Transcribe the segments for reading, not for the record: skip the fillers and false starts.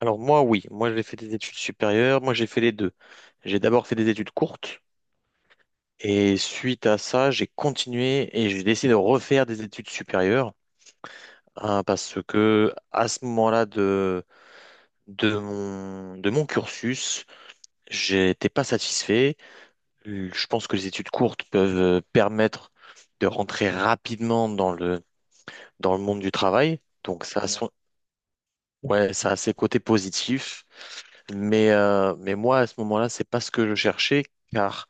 Alors moi, oui, moi j'ai fait des études supérieures, moi j'ai fait les deux. J'ai d'abord fait des études courtes et suite à ça, j'ai continué et j'ai décidé de refaire des études supérieures hein, parce que à ce moment-là de mon cursus, j'étais pas satisfait. Je pense que les études courtes peuvent permettre de rentrer rapidement dans le monde du travail. Donc ça a Ouais. Ouais, ça a ses côtés positifs. Mais, moi, à ce moment-là, c'est pas ce que je cherchais, car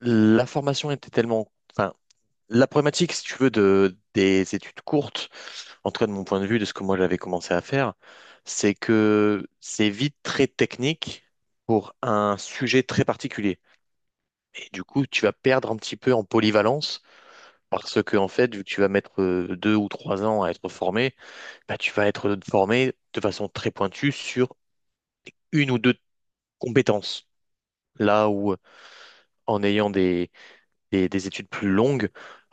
la formation était tellement. Enfin, la problématique, si tu veux, des études courtes, en tout cas de mon point de vue, de ce que moi j'avais commencé à faire, c'est que c'est vite très technique pour un sujet très particulier. Et du coup, tu vas perdre un petit peu en polyvalence, parce que, en fait, vu que tu vas mettre 2 ou 3 ans à être formé, bah, tu vas être formé de façon très pointue sur une ou deux compétences. Là où en ayant des études plus longues,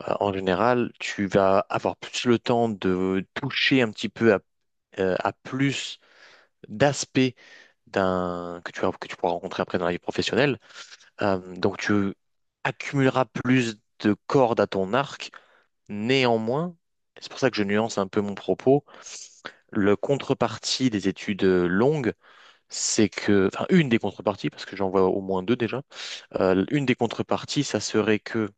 en général, tu vas avoir plus le temps de toucher un petit peu à plus d'aspects d'un que que tu pourras rencontrer après dans la vie professionnelle. Donc, tu accumuleras plus de cordes à ton arc. Néanmoins, c'est pour ça que je nuance un peu mon propos, le contrepartie des études longues, c'est que, enfin, une des contreparties, parce que j'en vois au moins deux déjà, une des contreparties, ça serait que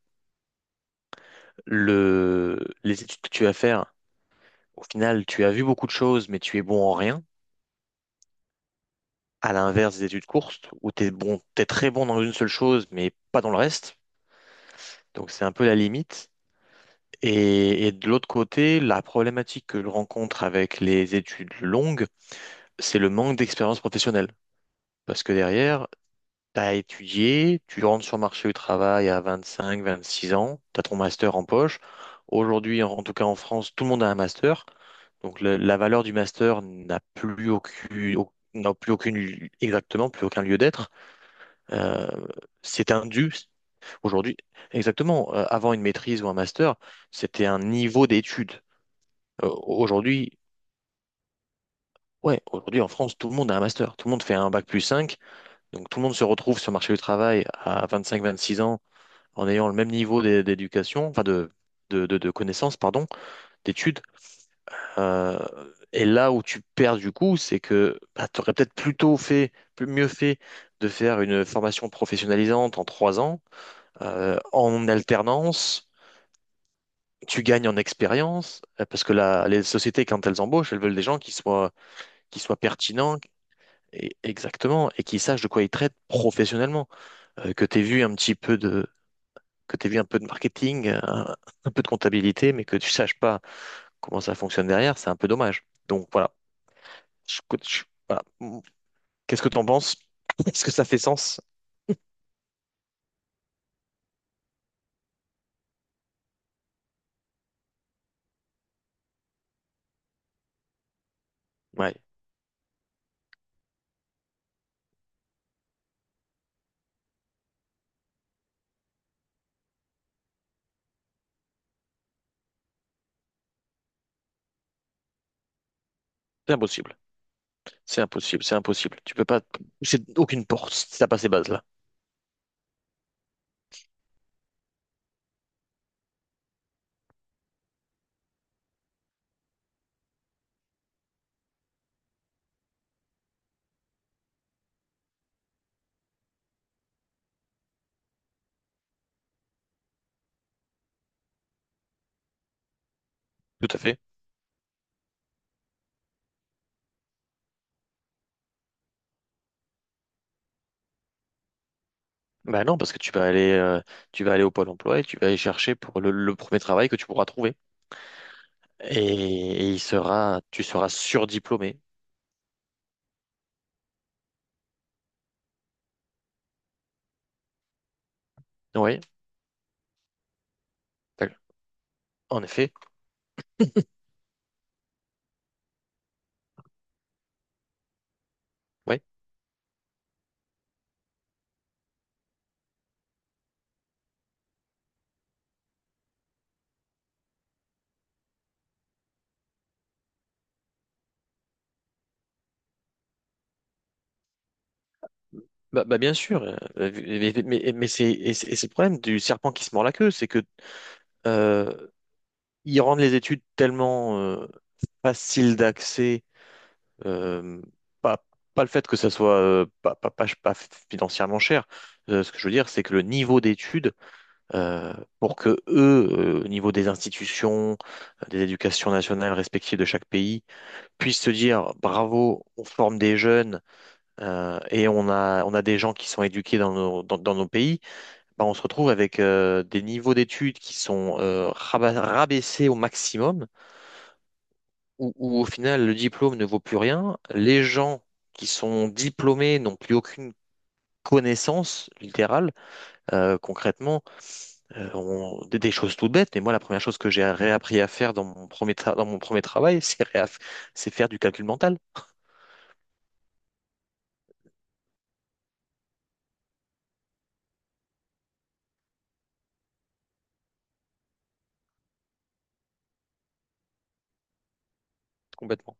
le, les études que tu vas faire, au final, tu as vu beaucoup de choses, mais tu es bon en rien. À l'inverse des études courtes, où tu es bon, t'es très bon dans une seule chose, mais pas dans le reste. Donc, c'est un peu la limite. Et, de l'autre côté, la problématique que je rencontre avec les études longues, c'est le manque d'expérience professionnelle. Parce que derrière, t'as étudié, tu rentres sur le marché du travail à 25, 26 ans, t'as ton master en poche. Aujourd'hui, en tout cas en France, tout le monde a un master. Donc la valeur du master n'a plus aucune, exactement, plus aucun lieu d'être. Euh, c'est un dû aujourd'hui. Exactement, avant une maîtrise ou un master, c'était un niveau d'études. Aujourd'hui, ouais, aujourd'hui en France, tout le monde a un master. Tout le monde fait un bac plus cinq. Donc tout le monde se retrouve sur le marché du travail à 25-26 ans en ayant le même niveau d'éducation, enfin de connaissances, pardon, d'études. Euh, et là où tu perds du coup, c'est que bah, tu aurais peut-être plutôt fait, plus mieux fait de faire une formation professionnalisante en 3 ans, en alternance. Tu gagnes en expérience, parce que les sociétés, quand elles embauchent, elles veulent des gens qui soient, pertinents, exactement, et qui sachent de quoi ils traitent professionnellement. Que tu aies vu un petit peu de, que tu aies vu un peu de marketing, un peu de comptabilité, mais que tu saches pas comment ça fonctionne derrière, c'est un peu dommage. Donc voilà. Voilà. Qu'est-ce que tu en penses? Est-ce que ça fait sens? Ouais, c'est impossible. C'est impossible, c'est impossible. Tu peux pas, c'est aucune porte si t'as pas ces bases-là. Tout à fait. Bah non, parce que tu vas aller, au Pôle emploi et tu vas aller chercher pour le premier travail que tu pourras trouver. Et, et, tu seras surdiplômé. Oui. En effet, oui. Bah, bien sûr. Mais c'est le problème du serpent qui se mord la queue, c'est que euh, ils rendent les études tellement faciles d'accès, euh, pas, pas le fait que ça soit pas financièrement cher. Ce que je veux dire, c'est que le niveau d'études, euh, pour que eux, au niveau des institutions, des éducations nationales respectives de chaque pays, puissent se dire bravo, on forme des jeunes. Et on a des gens qui sont éduqués dans nos pays, bah, on se retrouve avec des niveaux d'études qui sont rabaissés au maximum, où au final le diplôme ne vaut plus rien. Les gens qui sont diplômés n'ont plus aucune connaissance littérale. Concrètement, des choses toutes bêtes. Mais moi, la première chose que j'ai réappris à faire dans dans mon premier travail, c'est faire du calcul mental, complètement.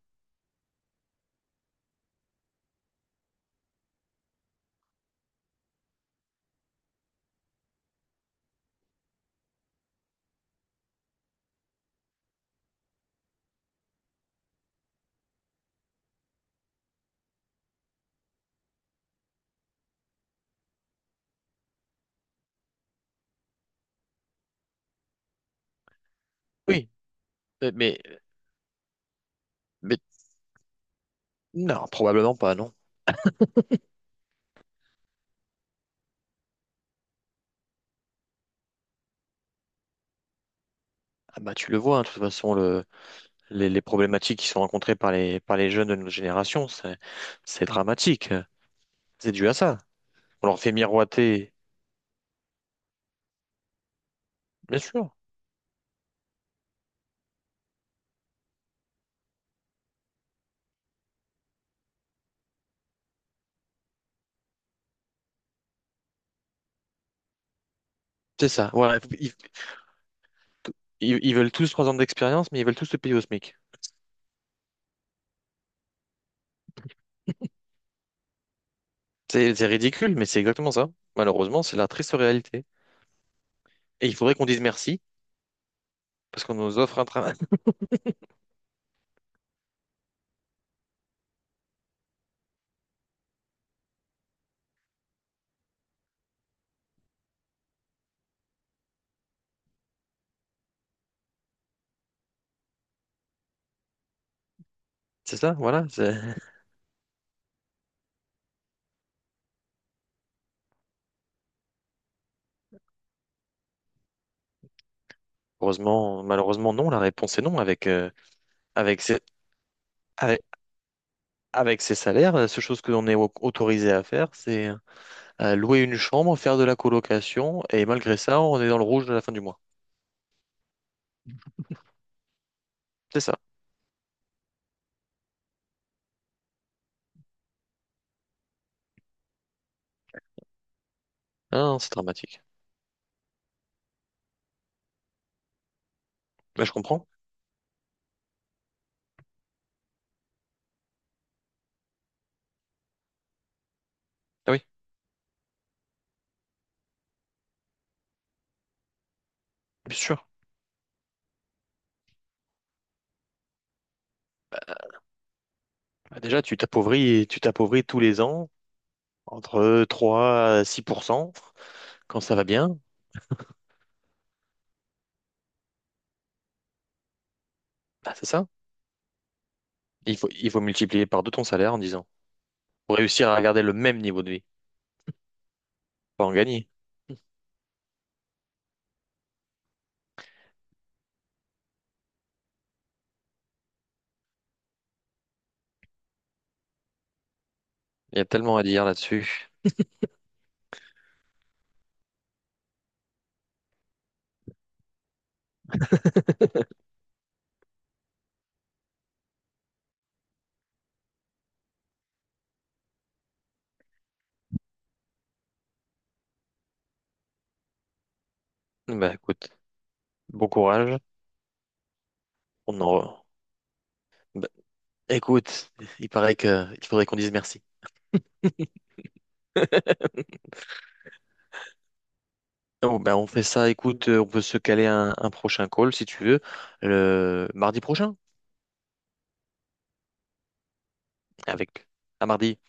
Oui, mais, mais non, probablement pas, non. Ah bah, tu le vois, hein, de toute façon, les problématiques qui sont rencontrées par les jeunes de notre génération, c'est dramatique. C'est dû à ça. On leur fait miroiter. Bien sûr, c'est ça. Voilà, ils veulent tous 3 ans d'expérience, mais ils veulent tous se payer au SMIC. C'est ridicule, mais c'est exactement ça. Malheureusement, c'est la triste réalité. Et il faudrait qu'on dise merci, parce qu'on nous offre un travail. C'est ça, voilà. Heureusement, malheureusement, non. La réponse est non. Avec, ces, avec, avec ces salaires, la seule chose que l'on est autorisé à faire, c'est, louer une chambre, faire de la colocation, et malgré ça, on est dans le rouge à la fin du mois. C'est ça. Ah non, c'est dramatique. Bah, je comprends. Ah oui, bien sûr. Bah, déjà, tu t'appauvris tous les ans, entre 3 à 6% quand ça va bien. Bah, c'est ça. Il faut multiplier par deux ton salaire en disant, pour réussir à garder le même niveau de vie, pas en gagner. Il y a tellement à dire là-dessus. Bah écoute, bon courage. On en... re- Bah, écoute, il paraît que il faudrait qu'on dise merci. Oh, ben, on fait ça, écoute, on peut se caler un prochain call si tu veux, le mardi prochain, avec à mardi.